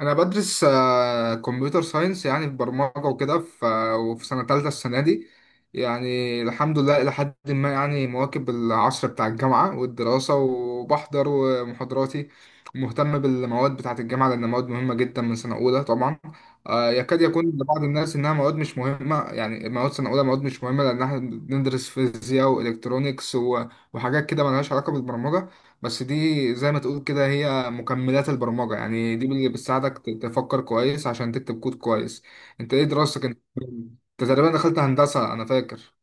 انا بدرس كمبيوتر ساينس، يعني في برمجه وكده. وفي سنه ثالثه السنه دي، يعني الحمد لله الى حد ما، يعني مواكب العصر بتاع الجامعه والدراسه، وبحضر ومحاضراتي ومهتم بالمواد بتاعه الجامعه، لان مواد مهمه جدا من سنه اولى طبعا. يكاد يكون لبعض الناس انها مواد مش مهمه، يعني مواد سنه اولى مواد مش مهمه، لان احنا بندرس فيزياء والكترونيكس وحاجات كده ملهاش علاقه بالبرمجه. بس دي زي ما تقول كده هي مكملات البرمجة، يعني دي اللي بتساعدك تفكر كويس عشان تكتب كود كويس. انت ايه دراستك؟ انت تقريبا دخلت هندسة انا فاكر.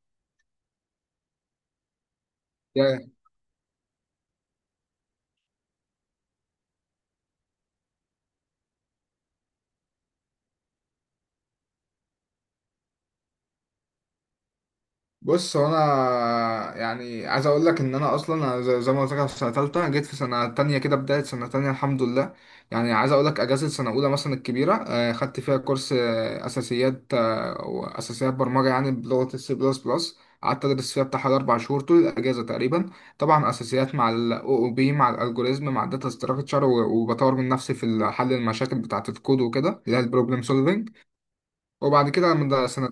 بص، هو انا يعني عايز اقول لك ان انا اصلا، أنا زي ما قلت لك، أنا في سنه ثالثه، جيت في سنه تانية كده، بدايه سنه تانية الحمد لله. يعني عايز اقول لك، اجازه سنه اولى مثلا الكبيره، خدت فيها كورس اساسيات، واساسيات برمجه يعني بلغه السي بلس بلس. قعدت ادرس فيها بتاع حوالي اربع شهور طول الاجازه تقريبا. طبعا اساسيات مع الاو او بي، مع الالجوريزم، مع الداتا ستراكشر، وبطور من نفسي في حل المشاكل بتاعه الكود وكده، اللي هي البروبلم سولفنج. وبعد كده من سنه،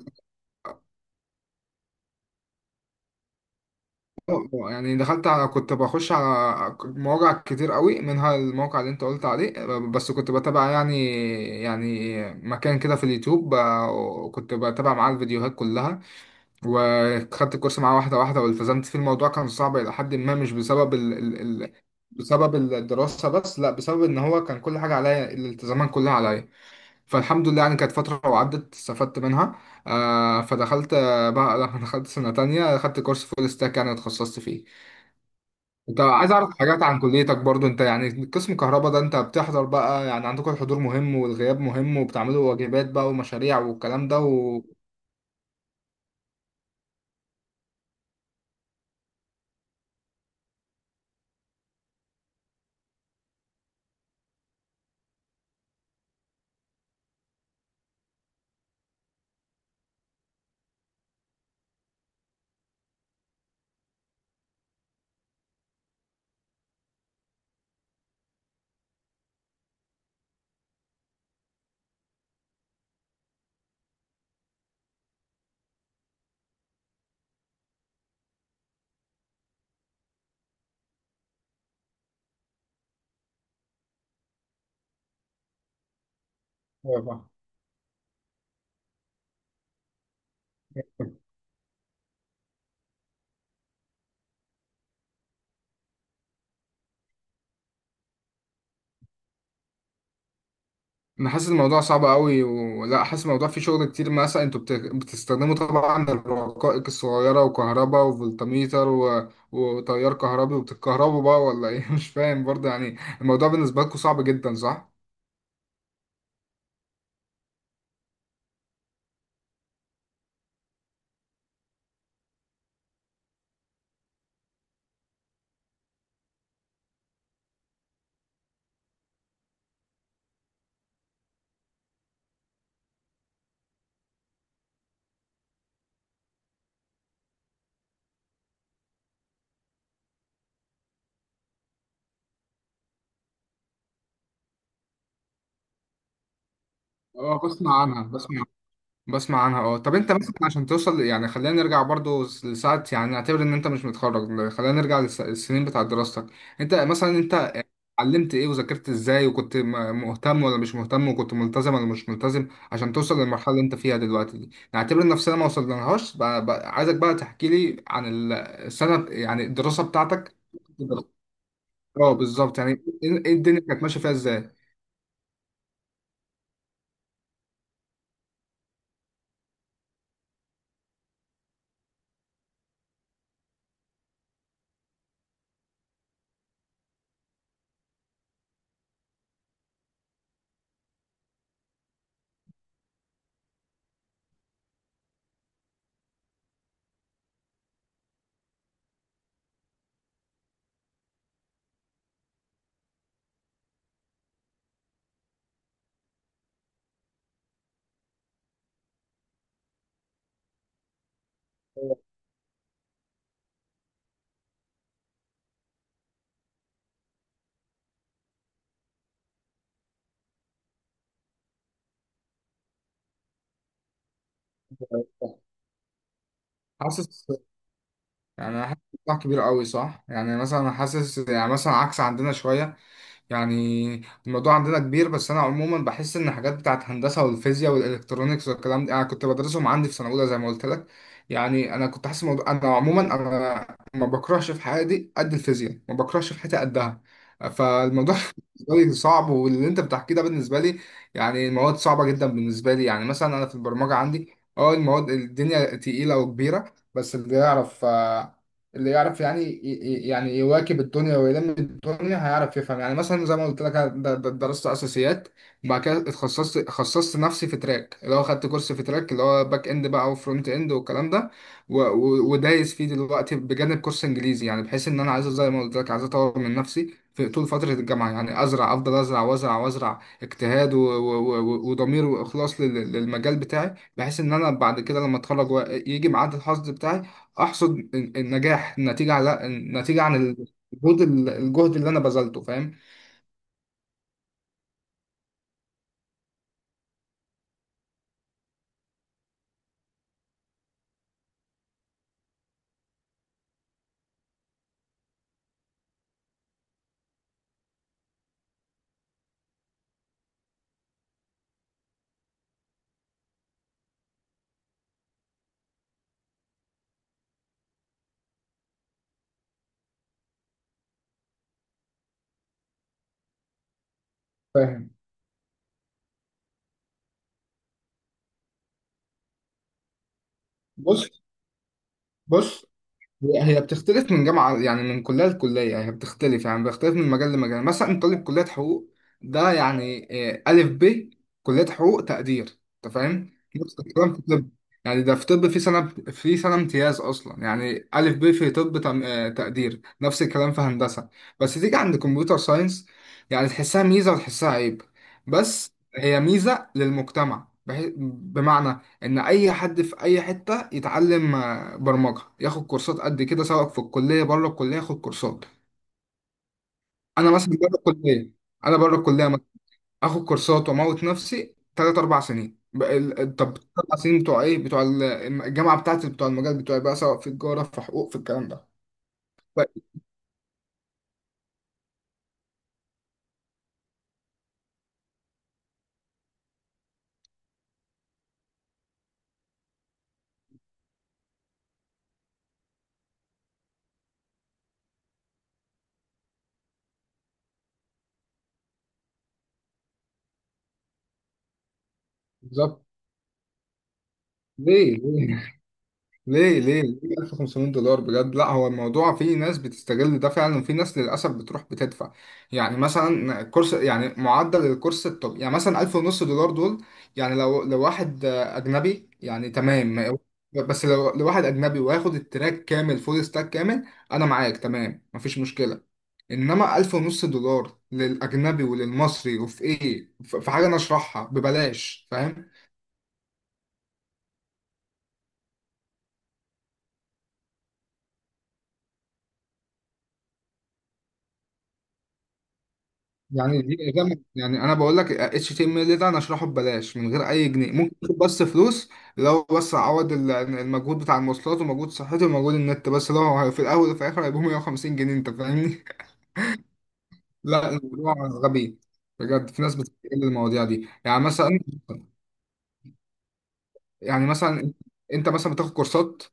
اه يعني دخلت على، كنت بخش على مواقع كتير قوي، منها الموقع اللي انت قلت عليه، بس كنت بتابع يعني، يعني مكان كده في اليوتيوب، كنت بتابع معاه الفيديوهات كلها، وخدت الكورس معاه واحدة واحدة، والتزمت فيه. الموضوع كان صعب إلى حد ما، مش بسبب ال ال ال بسبب الدراسة بس، لا، بسبب إن هو كان كل حاجة عليا، الالتزامات كلها عليا. فالحمد لله يعني كانت فترة وعدت استفدت منها. آه فدخلت، بقى لما دخلت سنة تانية خدت كورس فول ستاك يعني وتخصصت فيه. انت عايز اعرف حاجات عن كليتك برضو، انت يعني قسم كهرباء ده، انت بتحضر بقى؟ يعني عندكم الحضور مهم والغياب مهم، وبتعملوا واجبات بقى ومشاريع والكلام ده و... أيوة. انا حاسس الموضوع صعب قوي، ولا حاسس الموضوع فيه شغل كتير؟ مثلا انتوا بتستخدموا طبعا الرقائق الصغيرة، وكهرباء وفولتميتر و... وتيار كهربي، وبتتكهربوا بقى ولا ايه؟ مش فاهم برضه يعني. الموضوع بالنسبة لكم صعب جدا صح؟ اه بسمع عنها، بسمع، بسمع عنها اه. طب انت مثلا، عشان توصل، يعني خلينا نرجع برضو لساعة، يعني نعتبر ان انت مش متخرج، خلينا نرجع للسنين بتاعت دراستك. انت مثلا، انت اتعلمت ايه، وذاكرت ازاي، وكنت مهتم ولا مش مهتم، وكنت ملتزم ولا مش ملتزم، عشان توصل للمرحلة اللي انت فيها دلوقتي دي. نعتبر ان نفسنا ما وصلناهاش بقى، بقى عايزك بقى تحكي لي عن السنة، يعني الدراسة بتاعتك. اه بالظبط يعني، ايه ايه الدنيا كانت ماشية فيها ازاي. حاسس، يعني أنا حاسس الموضوع كبير قوي صح؟ يعني مثلا أنا حاسس، يعني مثلا عكس عندنا شوية، يعني الموضوع عندنا كبير، بس أنا عموما بحس إن الحاجات بتاعت هندسة والفيزياء والإلكترونيكس والكلام ده، أنا كنت بدرسهم عندي في سنة أولى زي ما قلت لك. يعني أنا كنت حاسس الموضوع، أنا عموما أنا ما بكرهش في حياتي قد الفيزياء، ما بكرهش في حياتي قدها. فالموضوع بالنسبة لي صعب، واللي أنت بتحكيه ده بالنسبة لي، يعني المواد صعبة جدا بالنسبة لي. يعني مثلا أنا في البرمجة عندي، أه المواد الدنيا تقيلة وكبيرة، بس اللي يعرف اللي يعرف، يعني يعني يواكب الدنيا ويلم الدنيا هيعرف يفهم. يعني مثلا زي ما قلت لك أنا درست اساسيات، وبعد كده اتخصصت، خصصت نفسي في تراك، اللي هو خدت كورس في تراك اللي هو باك اند بقى وفرونت اند والكلام ده، ودايس فيه دلوقتي بجانب كورس انجليزي، يعني بحيث ان انا عايز زي ما قلت لك، عايز اطور من نفسي في طول فترة الجامعة، يعني أزرع، أفضل أزرع وأزرع وأزرع اجتهاد وضمير وإخلاص للمجال بتاعي، بحيث إن أنا بعد كده لما أتخرج يجي ميعاد الحصد بتاعي احصد النجاح، النتيجه على النتيجه عن الجهد، الجهد اللي انا بذلته، فاهم؟ فاهم، بص بص، هي بتختلف من جامعة، يعني من كلية لكلية، يعني هي بتختلف، يعني بتختلف من مجال لمجال. يعني مثلا طالب كلية حقوق ده، يعني ألف ب كلية حقوق تقدير، أنت فاهم؟ نفس الكلام في طب، يعني ده في طب، في سنة امتياز أصلا، يعني ألف ب في طب تقدير، نفس الكلام في هندسة. بس تيجي عند كمبيوتر ساينس، يعني تحسها ميزة وتحسها عيب، بس هي ميزة للمجتمع. بمعنى ان اي حد في اي حته يتعلم برمجه، ياخد كورسات قد كده، سواء في الكليه بره الكليه ياخد كورسات. انا مثلا بره الكليه، انا بره الكليه مثلا اخد كورسات واموت نفسي ثلاث اربع سنين، طب اربع سنين بتوع ايه، بتوع الجامعه بتاعتي بتوع المجال بتوعي بقى، سواء في تجاره في حقوق في الكلام ده. ب- بالظبط، ليه، ليه 1500 دولار بجد؟ لا، هو الموضوع فيه ناس بتستغل ده فعلا، وفي ناس للاسف بتروح بتدفع. يعني مثلا كورس، يعني معدل الكورس الطب يعني مثلا 1000 ونص دولار دول، يعني لو لو واحد اجنبي يعني تمام، بس لو واحد اجنبي وياخد التراك كامل، فول ستاك كامل، انا معاك تمام مفيش مشكله. انما 1000 ونص دولار للاجنبي وللمصري، وفي ايه؟ في حاجه انا اشرحها ببلاش، فاهم؟ يعني دي إجابة، يعني أنا بقول لك اتش تي ام ال ده أنا أشرحه ببلاش من غير أي جنيه، ممكن آخد بس فلوس لو بس أعوض المجهود بتاع المواصلات ومجهود صحتي ومجهود النت بس، لو في الأول وفي الآخر هيبقوا 150 جنيه، أنت فاهمني؟ لا الموضوع غبي بجد، في ناس بتستغل المواضيع دي. يعني مثلا، يعني مثلا أنت مثلا بتاخد كورسات،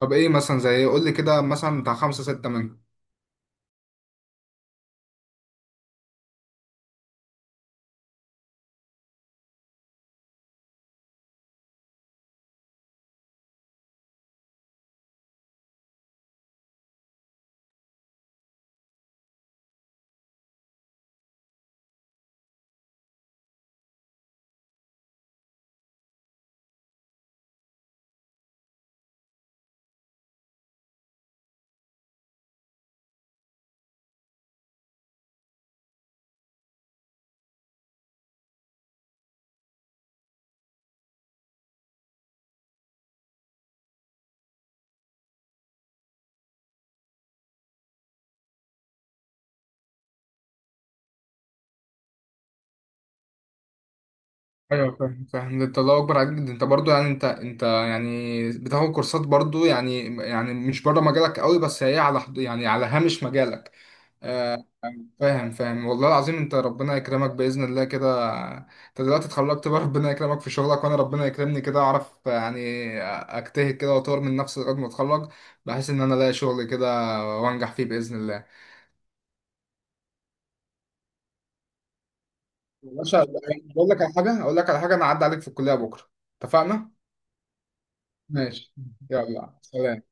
طب إيه مثلا؟ زي إيه؟ قول لي كده مثلا بتاع خمسة ستة منهم. ايوه فاهم فاهم، ده انت الله اكبر عليك، ده انت برضو يعني، انت يعني بتاخد كورسات برضو، يعني يعني مش بره مجالك قوي، بس هي على حد يعني على هامش مجالك. آه، فاهم فاهم والله العظيم، انت ربنا يكرمك باذن الله كده، انت دلوقتي اتخرجت بقى ربنا يكرمك في شغلك، وانا ربنا يكرمني كده اعرف يعني اجتهد كده واطور من نفسي لغايه ما اتخرج، بحيث ان انا الاقي شغل كده وانجح فيه باذن الله. يا باشا، بقول لك على حاجه، اقول لك على حاجه، انا اعدي عليك في الكليه بكره، اتفقنا؟ ماشي، يلا سلام.